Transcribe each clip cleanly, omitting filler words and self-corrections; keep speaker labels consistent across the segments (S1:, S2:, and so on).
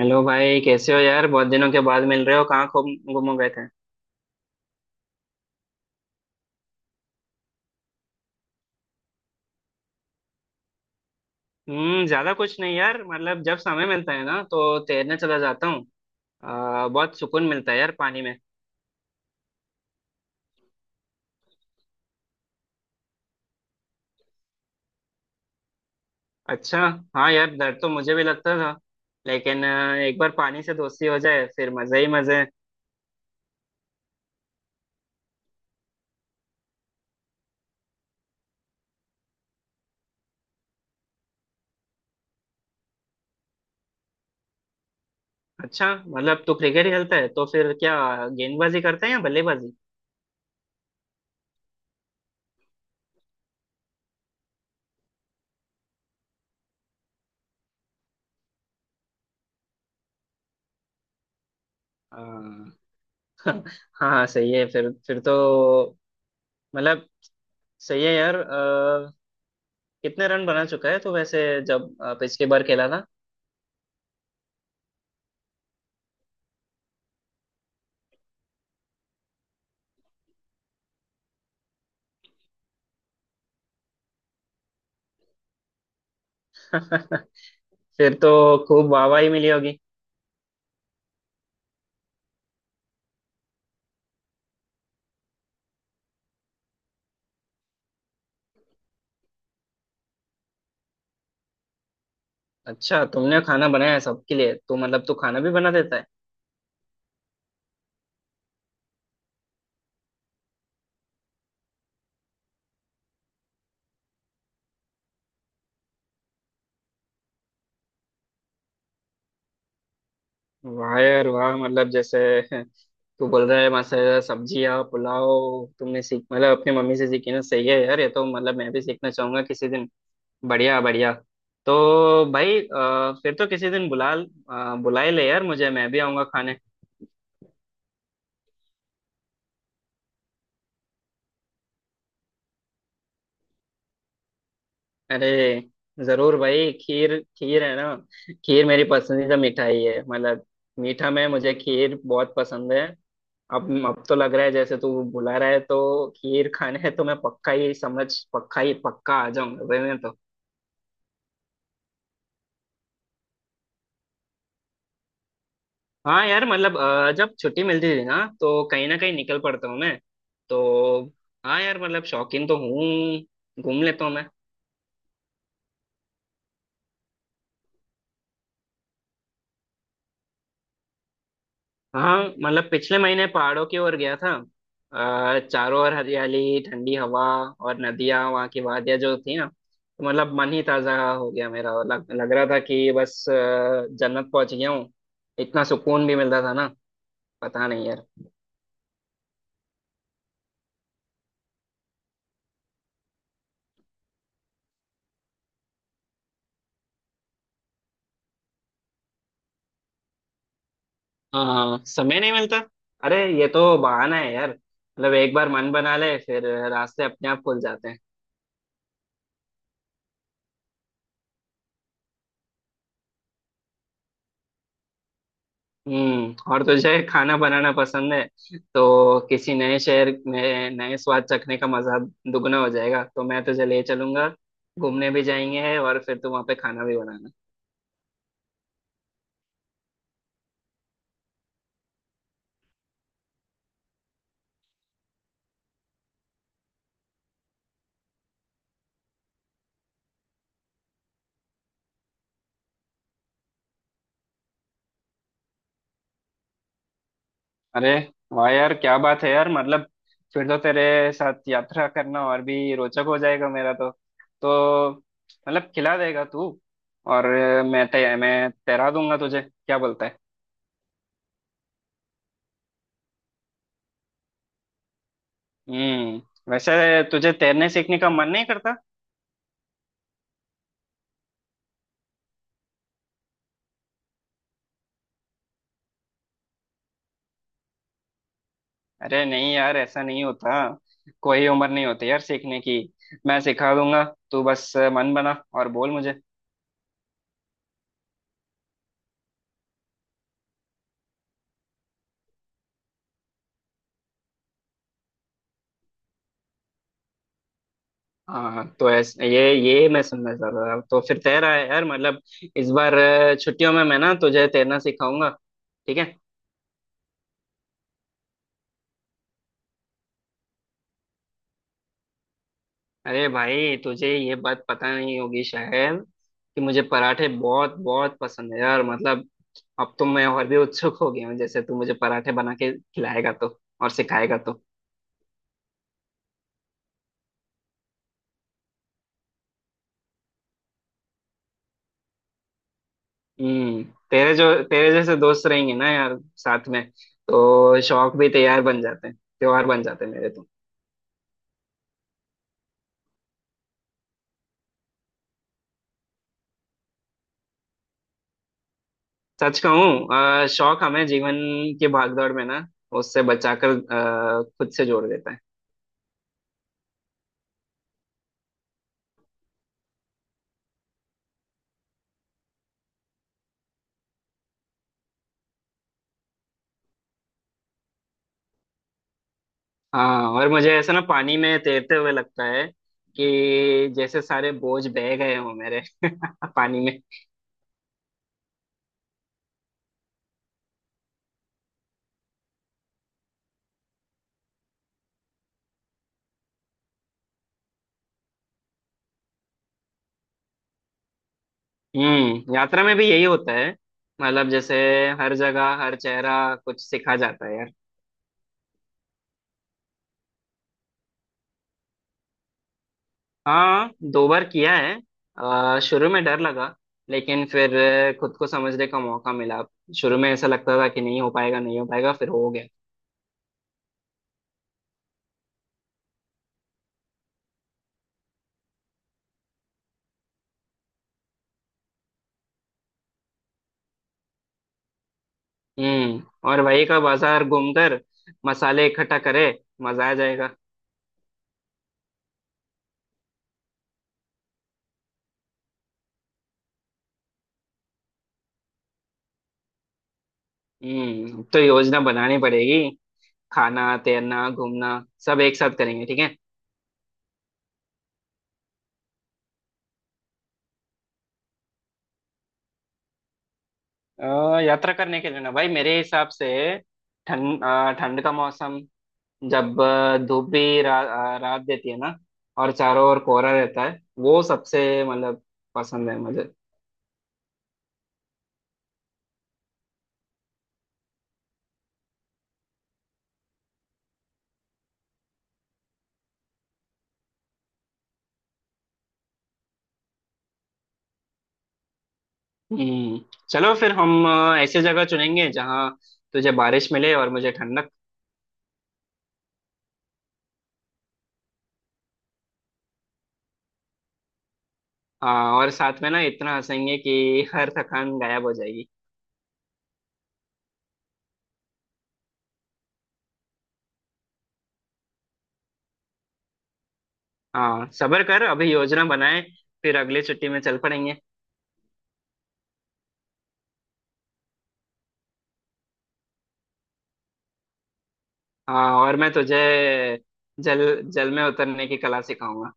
S1: Hello भाई, कैसे हो यार? बहुत दिनों के बाद मिल रहे हो, कहाँ खो गुम हो गए थे? हम्म, ज्यादा कुछ नहीं यार। मतलब जब समय मिलता है ना तो तैरने चला जाता हूँ। बहुत सुकून मिलता है यार पानी में। अच्छा। हाँ यार, डर तो मुझे भी लगता था, लेकिन एक बार पानी से दोस्ती हो जाए फिर मजे ही मजे हैं। अच्छा, मतलब तू क्रिकेट खेलता है? तो फिर क्या गेंदबाजी करता है या बल्लेबाजी? हाँ। हाँ सही है। फिर तो मतलब सही है यार। कितने रन बना चुका है तो वैसे जब पिछली बार खेला था? फिर तो खूब वाहवाही मिली होगी। अच्छा, तुमने खाना बनाया है सबके लिए? तो मतलब तू खाना भी बना देता है। वाह यार वाह! मतलब जैसे तू बोल रहा है मसाला सब्जियाँ पुलाव, तुमने सीख मतलब अपनी मम्मी से सीखी ना। सही है यार, ये तो मतलब मैं भी सीखना चाहूंगा किसी दिन। बढ़िया बढ़िया। तो भाई फिर तो किसी दिन बुला बुला ही ले यार मुझे, मैं भी आऊंगा खाने। अरे जरूर भाई, खीर! खीर है ना, खीर मेरी पसंदीदा मिठाई है। मतलब मीठा में मुझे खीर बहुत पसंद है। अब तो लग रहा है जैसे तू बुला रहा है तो खीर खाने है, तो मैं पक्का ही समझ, पक्का ही पक्का आ जाऊंगा भाई मैं तो। हाँ यार, मतलब जब छुट्टी मिलती थी ना तो कहीं ना कहीं निकल पड़ता हूँ मैं। तो हाँ यार, मतलब शौकीन तो हूँ, घूम लेता हूँ मैं। हाँ मतलब पिछले महीने पहाड़ों की ओर गया था। चारों ओर हरियाली, ठंडी हवा, और नदियां, वहाँ की वादियां जो थी ना, तो मतलब मन ही ताजा हो गया मेरा। लग रहा था कि बस जन्नत पहुंच गया हूँ। इतना सुकून भी मिलता था ना, पता नहीं यार। हाँ, समय नहीं मिलता। अरे ये तो बहाना है यार। मतलब एक बार मन बना ले, फिर रास्ते अपने आप खुल जाते हैं। हम्म, और तुझे खाना बनाना पसंद है तो किसी नए शहर में नए स्वाद चखने का मजा दुगना हो जाएगा। तो मैं तुझे ले चलूंगा, घूमने भी जाएंगे और फिर तू वहाँ पे खाना भी बनाना। अरे वाह यार, क्या बात है यार! मतलब फिर तो तेरे साथ यात्रा करना और भी रोचक हो जाएगा मेरा तो। तो मतलब खिला देगा तू, और मैं तैरा दूंगा तुझे। क्या बोलता है? हम्म। वैसे तुझे तैरने सीखने का मन नहीं करता? अरे नहीं यार, ऐसा नहीं होता। कोई उम्र नहीं होती यार सीखने की। मैं सिखा दूंगा, तू बस मन बना और बोल मुझे। हाँ तो ऐसे ये मैं सुनना चाह रहा था। तो फिर तैरा है यार, मतलब इस बार छुट्टियों में मैं ना तुझे तैरना सिखाऊंगा, ठीक है? अरे भाई, तुझे ये बात पता नहीं होगी शायद, कि मुझे पराठे बहुत बहुत पसंद है यार। मतलब अब तो मैं और भी उत्सुक हो गया हूँ, जैसे तू मुझे पराठे बना के खिलाएगा तो और सिखाएगा तो। हम्म, तेरे जैसे दोस्त रहेंगे ना यार साथ में, तो शौक भी तैयार बन जाते हैं, त्योहार बन जाते हैं मेरे तो। सच कहूँ, शौक हमें जीवन की भागदौड़ में ना उससे बचाकर खुद से जोड़ देता है। हाँ, और मुझे ऐसा ना पानी में तैरते हुए लगता है कि जैसे सारे बोझ बह गए हों मेरे पानी में। हम्म, यात्रा में भी यही होता है। मतलब जैसे हर जगह हर चेहरा कुछ सिखा जाता है। हाँ, दो बार किया है। शुरू में डर लगा, लेकिन फिर खुद को समझने का मौका मिला। शुरू में ऐसा लगता था कि नहीं हो पाएगा, नहीं हो पाएगा, फिर हो गया। हम्म, और वही का बाजार घूमकर मसाले इकट्ठा करे, मजा आ जाएगा। हम्म, तो योजना बनानी पड़ेगी। खाना, तैरना, घूमना, सब एक साथ करेंगे, ठीक है? यात्रा करने के लिए ना भाई, मेरे हिसाब से ठंड, ठंड का मौसम, जब धूप भी रात देती है ना, और चारों ओर कोहरा रहता है, वो सबसे मतलब पसंद है मुझे। हम्म, चलो फिर हम ऐसी जगह चुनेंगे जहाँ तुझे बारिश मिले और मुझे ठंडक। हाँ, और साथ में ना इतना हंसेंगे कि हर थकान गायब हो जाएगी। हाँ, सब्र कर, अभी योजना बनाए, फिर अगली छुट्टी में चल पड़ेंगे। हाँ, और मैं तुझे जल जल में उतरने की कला सिखाऊंगा।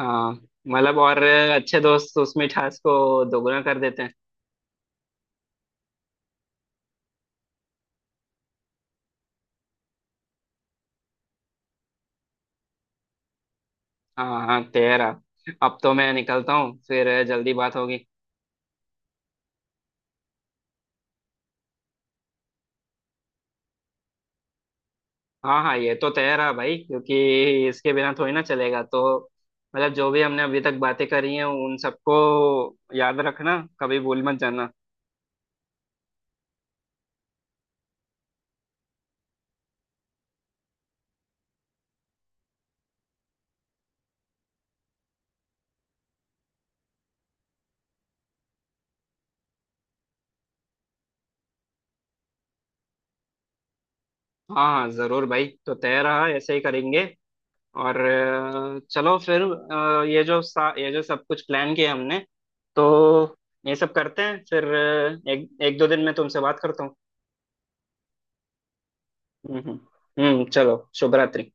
S1: हाँ मतलब, और अच्छे दोस्त उस मिठास को दोगुना कर देते हैं। हाँ हाँ तेरा, अब तो मैं निकलता हूँ, फिर जल्दी बात होगी। हाँ हाँ, ये तो तेरा भाई, क्योंकि इसके बिना थोड़ी ना चलेगा। तो मतलब जो भी हमने अभी तक बातें करी हैं, उन सबको याद रखना, कभी भूल मत जाना। हाँ हाँ जरूर भाई, तो तेरा ऐसे ही करेंगे। और चलो फिर, ये जो ये जो सब कुछ प्लान किया हमने, तो ये सब करते हैं। फिर एक एक दो दिन में तुमसे बात करता हूँ। हम्म। चलो, शुभ रात्रि।